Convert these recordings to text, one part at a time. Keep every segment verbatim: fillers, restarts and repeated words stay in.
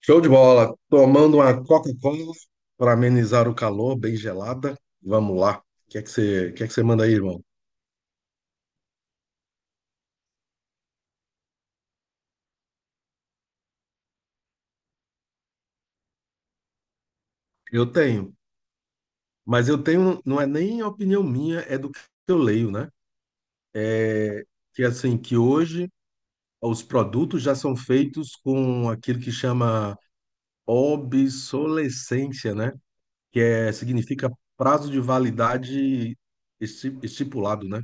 Show de bola. Tomando uma Coca-Cola para amenizar o calor, bem gelada. Vamos lá. O que é que você, o que é que você manda aí, irmão? Eu tenho, mas eu tenho, não é nem opinião minha, é do que eu leio, né? Que é assim, que hoje os produtos já são feitos com aquilo que chama obsolescência, né? Que é, significa prazo de validade esti- estipulado, né?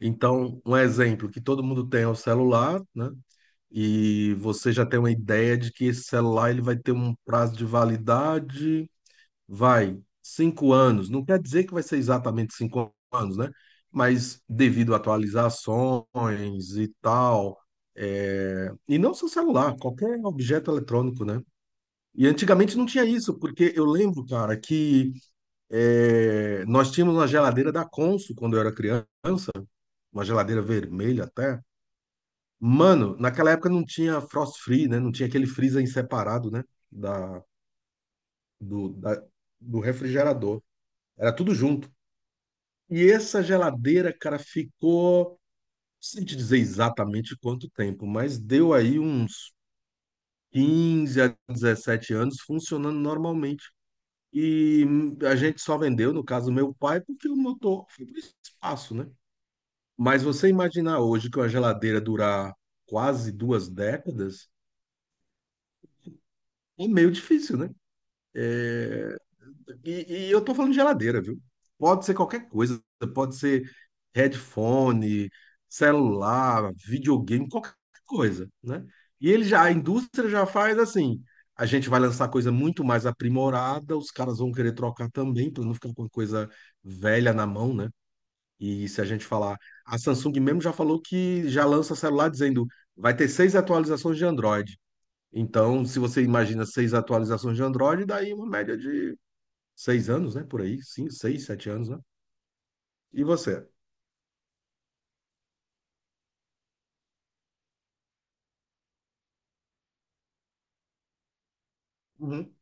Então, um exemplo que todo mundo tem é o celular, né? E você já tem uma ideia de que esse celular ele vai ter um prazo de validade, vai, cinco anos. Não quer dizer que vai ser exatamente cinco anos, né? Mas devido a atualizações e tal, é, e não só celular, qualquer objeto eletrônico, né? E antigamente não tinha isso, porque eu lembro, cara, que é, nós tínhamos uma geladeira da Consul quando eu era criança, uma geladeira vermelha até. Mano, naquela época não tinha frost free, né? Não tinha aquele freezer em separado, né? Da, do, da- do refrigerador. Era tudo junto. E essa geladeira, cara, ficou, sem te dizer exatamente quanto tempo, mas deu aí uns quinze a dezessete anos funcionando normalmente. E hum, a gente só vendeu, no caso, meu pai, porque o motor foi para espaço, né? Mas você imaginar hoje que uma geladeira durar quase duas décadas é meio difícil, né? É, e, e eu tô falando de geladeira, viu? Pode ser qualquer coisa, pode ser headphone, celular, videogame, qualquer coisa, né? E ele já, a indústria já faz assim. A gente vai lançar coisa muito mais aprimorada, os caras vão querer trocar também, para não ficar com coisa velha na mão, né? E se a gente falar, a Samsung mesmo já falou que já lança celular dizendo vai ter seis atualizações de Android. Então, se você imagina seis atualizações de Android, daí uma média de seis anos, né? Por aí, sim, seis, sete anos, né? E você? Uhum.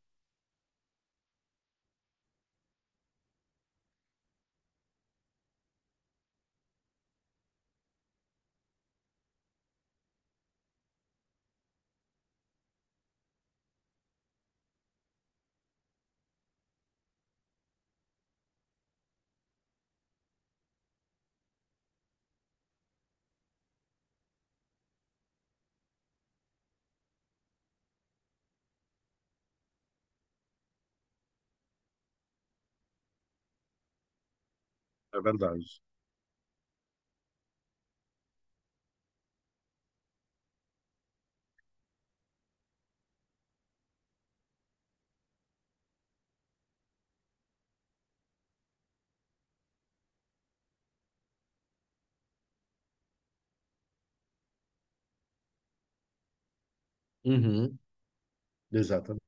É verdade. Uhum, exatamente.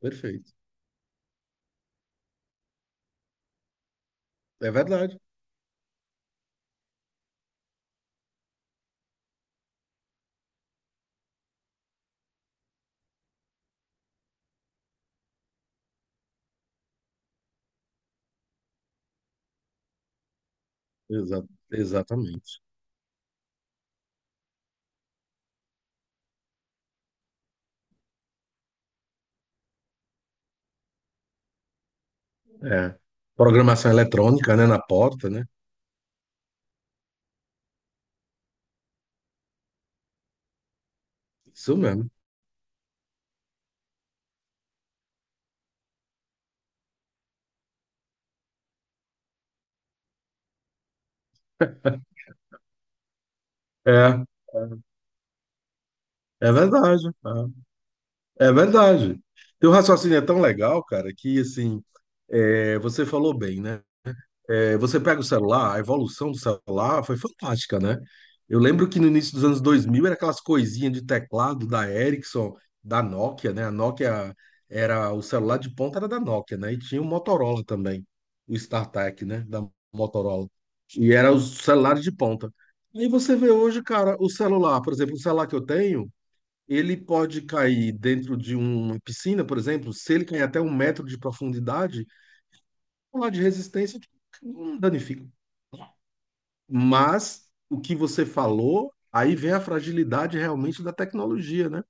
Perfeito. É verdade. Exa- exatamente. É. Programação eletrônica, né? Na porta, né? Isso mesmo. É, é é verdade. É, é verdade. Teu raciocínio é tão legal, cara, que assim, é, você falou bem, né? É, você pega o celular, a evolução do celular foi fantástica, né? Eu lembro que no início dos anos dois mil era aquelas coisinhas de teclado da Ericsson, da Nokia, né? A Nokia era o celular de ponta era da Nokia, né? E tinha o Motorola também, o StarTAC, né? Da Motorola. E era os celulares de ponta. Aí você vê hoje, cara, o celular, por exemplo, o celular que eu tenho, ele pode cair dentro de uma piscina, por exemplo, se ele cair até um metro de profundidade, o celular de resistência tipo, não danifica. Mas o que você falou, aí vem a fragilidade realmente da tecnologia, né?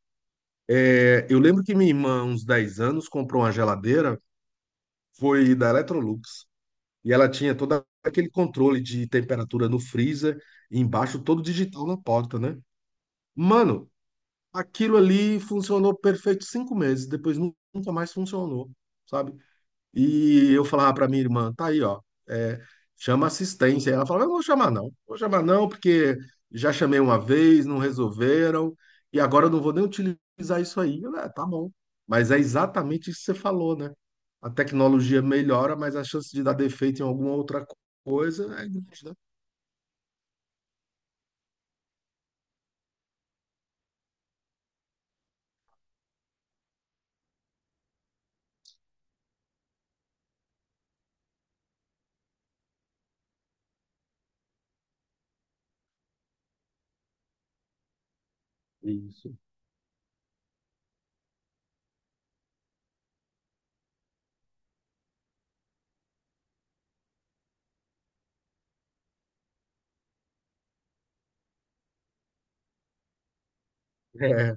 É, eu lembro que minha irmã, uns dez anos, comprou uma geladeira, foi da Electrolux, e ela tinha todo aquele controle de temperatura no freezer, e embaixo todo digital na porta, né? Mano, aquilo ali funcionou perfeito cinco meses, depois nu- nunca mais funcionou, sabe? E eu falava para minha irmã, tá aí, ó, é, chama assistência. Ela falava, eu não vou chamar não, vou chamar não, porque já chamei uma vez, não resolveram, e agora eu não vou nem utilizar isso aí. Eu, "É, tá bom. Mas é exatamente isso que você falou, né? A tecnologia melhora, mas a chance de dar defeito em alguma outra coisa é grande, né? Isso. É,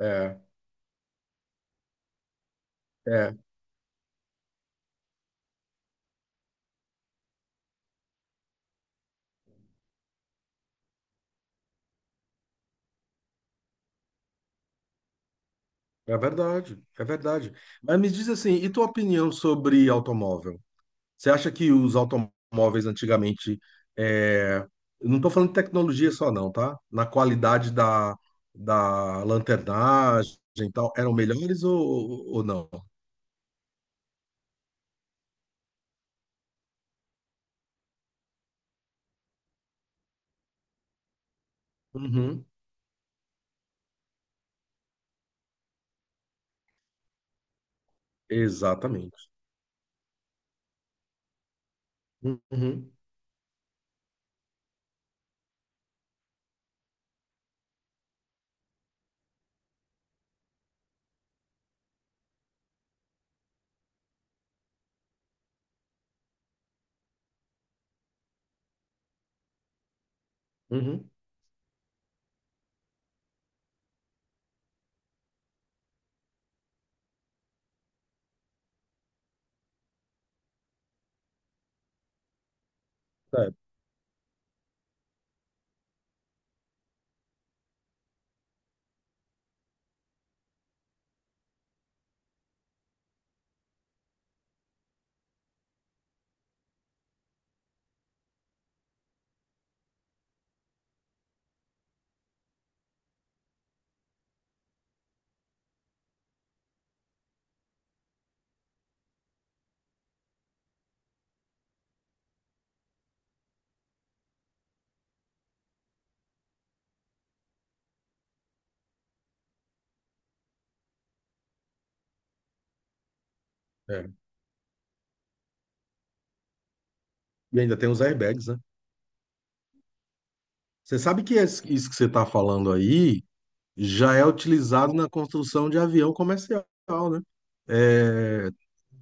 é, é, é verdade, é verdade. Mas me diz assim, e tua opinião sobre automóvel? Você acha que os automóveis antigamente, é, eu não estou falando de tecnologia só não, tá? Na qualidade da, da lanternagem e tal, eram melhores ou, ou ou não? Uhum, exatamente. Uhum, uhum. É, é. E ainda tem os airbags, né? Você sabe que es- isso que você está falando aí já é utilizado na construção de avião comercial, né? É,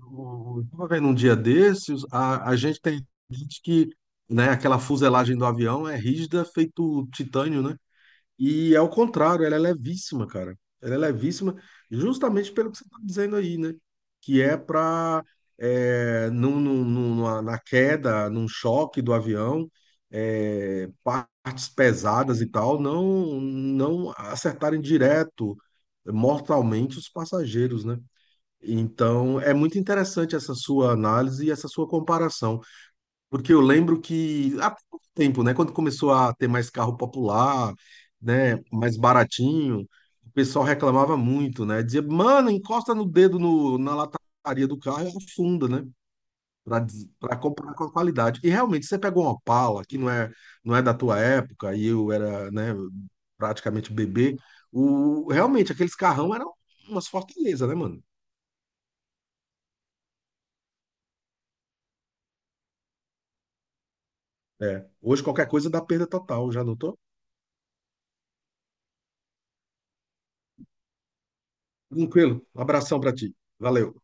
eu estava vendo um dia desses, a, a gente tem gente que, né, aquela fuselagem do avião é rígida, feito titânio, né? E é o contrário, ela é levíssima, cara. Ela é levíssima justamente pelo que você está dizendo aí, né? Que é para, é, num, num- num- numa- na queda, num choque do avião, é, partes pesadas e tal, não, não acertarem direto, mortalmente, os passageiros, né? Então, é muito interessante essa sua análise e essa sua comparação, porque eu lembro que há pouco tempo, né, quando começou a ter mais carro popular, né, mais baratinho, o pessoal reclamava muito, né, dizia, mano, encosta no dedo no- na lataria do carro e afunda, né, para para comprar com a qualidade. E realmente, você pegou uma Opala, que não é, não é da tua época, e eu era, né, praticamente bebê, o, realmente, aqueles carrão eram umas fortalezas, né, mano? É. Hoje qualquer coisa dá perda total, já notou? Tranquilo. Um abração pra ti. Valeu.